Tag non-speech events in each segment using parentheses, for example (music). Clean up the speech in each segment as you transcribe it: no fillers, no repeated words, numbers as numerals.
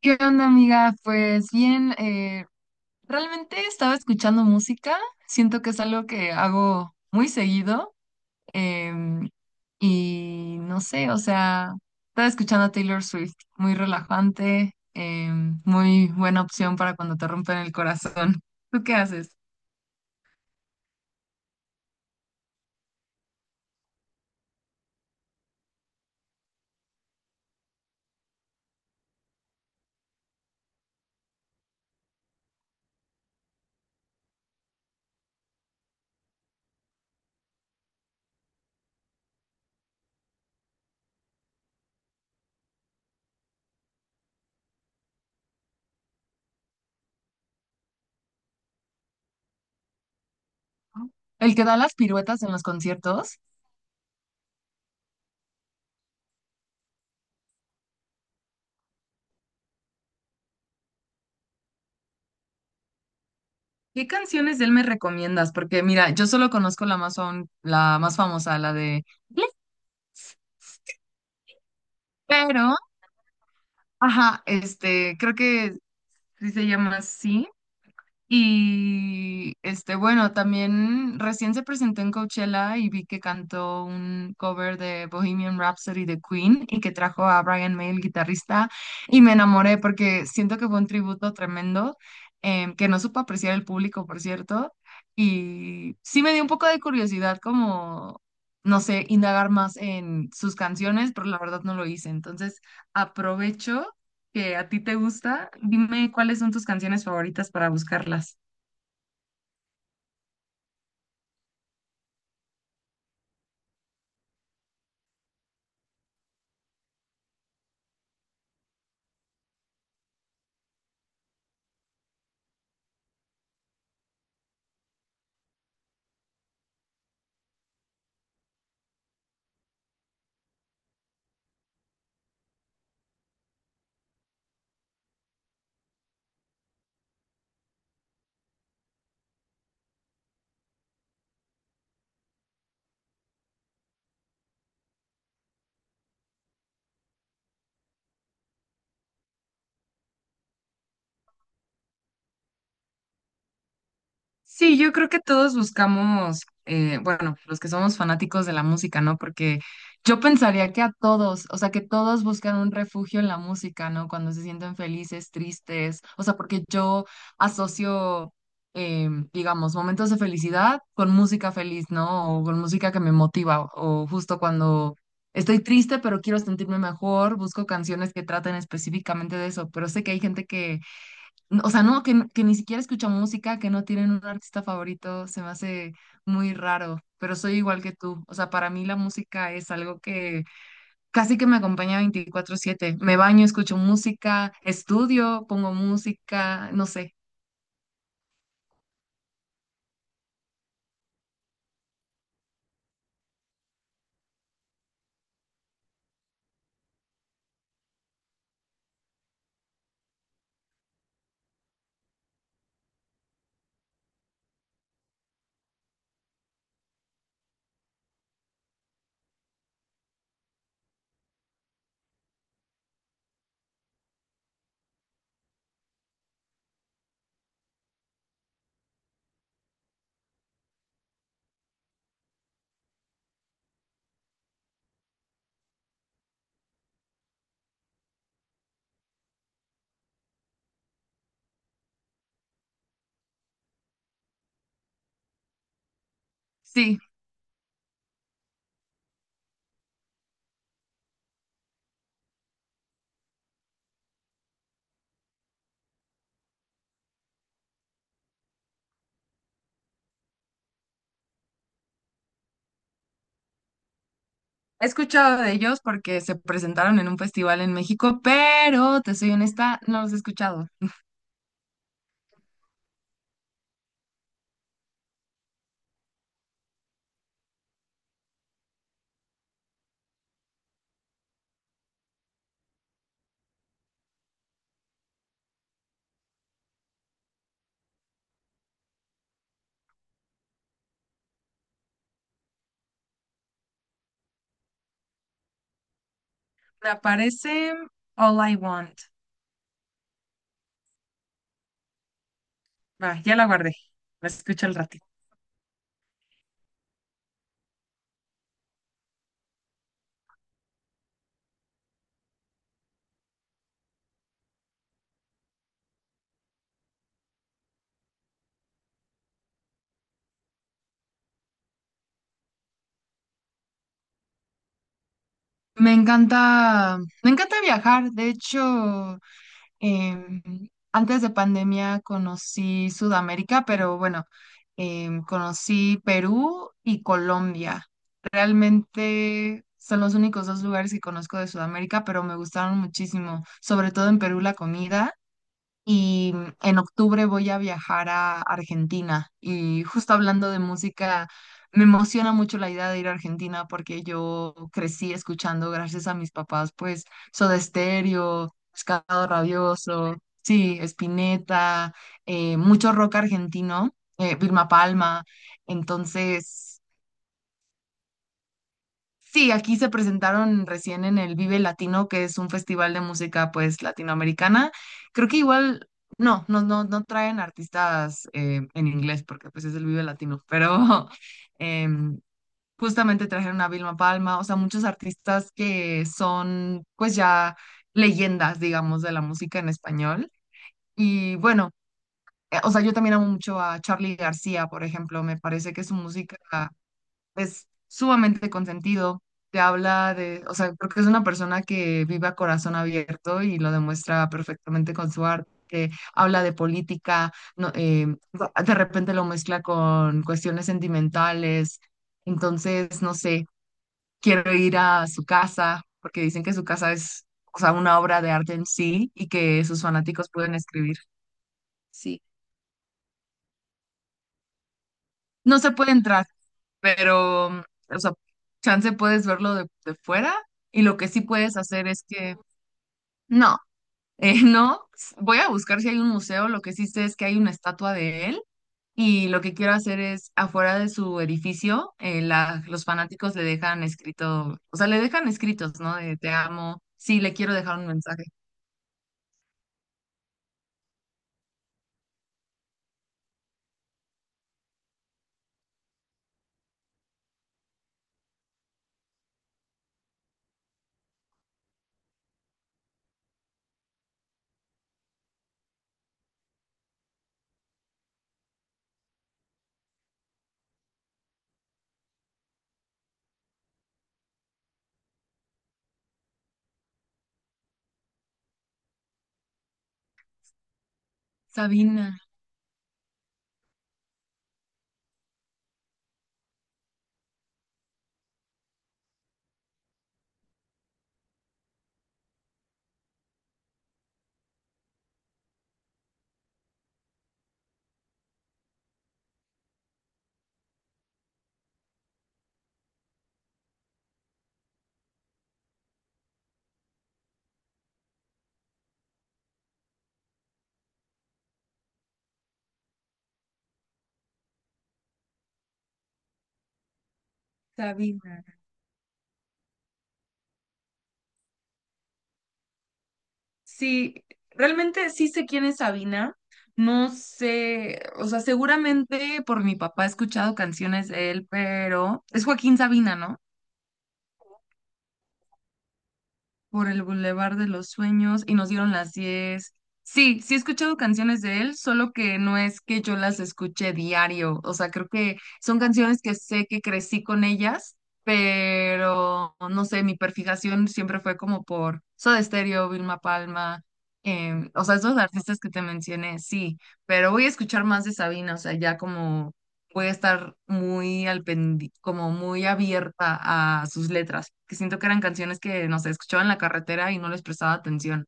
¿Qué onda, amiga? Pues bien, realmente estaba escuchando música. Siento que es algo que hago muy seguido. em, y no sé, o sea, estaba escuchando a Taylor Swift. Muy relajante, muy buena opción para cuando te rompen el corazón. (laughs) ¿Tú qué haces? El que da las piruetas en los conciertos. ¿Qué canciones de él me recomiendas? Porque mira, yo solo conozco la más, la más famosa, la de... (laughs) Pero, ajá, este, creo que sí, se llama así. Y este, bueno, también recién se presentó en Coachella y vi que cantó un cover de Bohemian Rhapsody de Queen y que trajo a Brian May, el guitarrista, y me enamoré porque siento que fue un tributo tremendo, que no supo apreciar el público, por cierto, y sí me dio un poco de curiosidad como, no sé, indagar más en sus canciones, pero la verdad no lo hice. Entonces, aprovecho que a ti te gusta, dime cuáles son tus canciones favoritas para buscarlas. Sí, yo creo que todos buscamos, bueno, los que somos fanáticos de la música, ¿no? Porque yo pensaría que a todos, o sea, que todos buscan un refugio en la música, ¿no? Cuando se sienten felices, tristes, o sea, porque yo asocio, digamos, momentos de felicidad con música feliz, ¿no? O con música que me motiva, o justo cuando estoy triste, pero quiero sentirme mejor, busco canciones que traten específicamente de eso, pero sé que hay gente que o sea, no, que ni siquiera escuchan música, que no tienen un artista favorito, se me hace muy raro, pero soy igual que tú. O sea, para mí la música es algo que casi que me acompaña 24/7. Me baño, escucho música, estudio, pongo música, no sé. Sí, he escuchado de ellos porque se presentaron en un festival en México, pero te soy honesta, no los he escuchado. Me aparece All I Want. Va, ya la guardé. La escucho al ratito. Me encanta viajar. De hecho, em, antes de pandemia conocí Sudamérica, pero bueno, conocí Perú y Colombia. Realmente son los únicos dos lugares que conozco de Sudamérica, pero me gustaron muchísimo, sobre todo en Perú la comida. Y mm, en octubre voy a viajar a Argentina. Y justo hablando de música, me emociona mucho la idea de ir a Argentina porque yo crecí escuchando, gracias a mis papás, pues Soda Stereo, Pescado Rabioso, sí, Spinetta, mucho rock argentino, Vilma Palma. Entonces, sí, aquí se presentaron recién en el Vive Latino, que es un festival de música pues latinoamericana. Creo que igual, no traen artistas en inglés porque pues es el Vive Latino, pero (laughs) em, justamente trajeron a Vilma Palma, o sea, muchos artistas que son pues ya leyendas, digamos, de la música en español. Y bueno, o sea, yo también amo mucho a Charly García, por ejemplo, me parece que su música es sumamente consentido, te habla de, o sea, creo que es una persona que vive a corazón abierto y lo demuestra perfectamente con su arte. Habla de política, no, de repente lo mezcla con cuestiones sentimentales, entonces, no sé, quiero ir a su casa, porque dicen que su casa es, o sea, una obra de arte en sí y que sus fanáticos pueden escribir. Sí, no se puede entrar, pero, o sea, chance puedes verlo de fuera y lo que sí puedes hacer es que, no, (laughs) no, voy a buscar si hay un museo, lo que sí sé es que hay una estatua de él y lo que quiero hacer es afuera de su edificio, los fanáticos le dejan escrito, o sea, le dejan escritos, ¿no? De te amo, sí, le quiero dejar un mensaje. Sabina, Sabina. Sí, realmente sí sé quién es Sabina. No sé, o sea, seguramente por mi papá he escuchado canciones de él, pero es Joaquín Sabina, ¿no? Por el Boulevard de los Sueños y nos dieron las 10. Sí, sí he escuchado canciones de él, solo que no es que yo las escuche diario. O sea, creo que son canciones que sé que crecí con ellas, pero no sé, mi perfijación siempre fue como por Soda Stereo, Vilma Palma. O sea, esos artistas que te mencioné, sí, pero voy a escuchar más de Sabina, o sea, ya como voy a estar muy como muy abierta a sus letras, que siento que eran canciones que, no sé, escuchaba en la carretera y no les prestaba atención.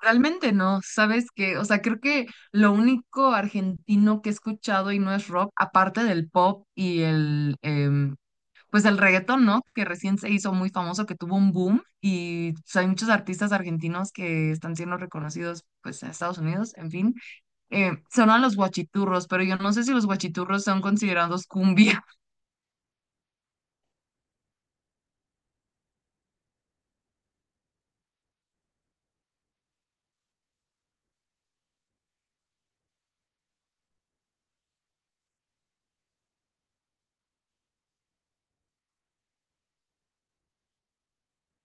Realmente no, ¿sabes qué? O sea, creo que lo único argentino que he escuchado y no es rock, aparte del pop y el, pues el reggaetón, ¿no? Que recién se hizo muy famoso, que tuvo un boom y pues, hay muchos artistas argentinos que están siendo reconocidos, pues, en Estados Unidos, en fin. Sonan los guachiturros, pero yo no sé si los guachiturros son considerados cumbia. (laughs)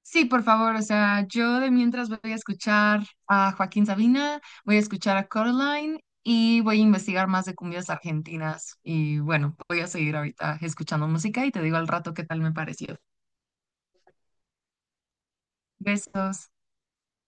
Sí, por favor, o sea, yo de mientras voy a escuchar a Joaquín Sabina, voy a escuchar a Coraline y voy a investigar más de cumbias argentinas. Y bueno, voy a seguir ahorita escuchando música y te digo al rato qué tal me pareció. Besos.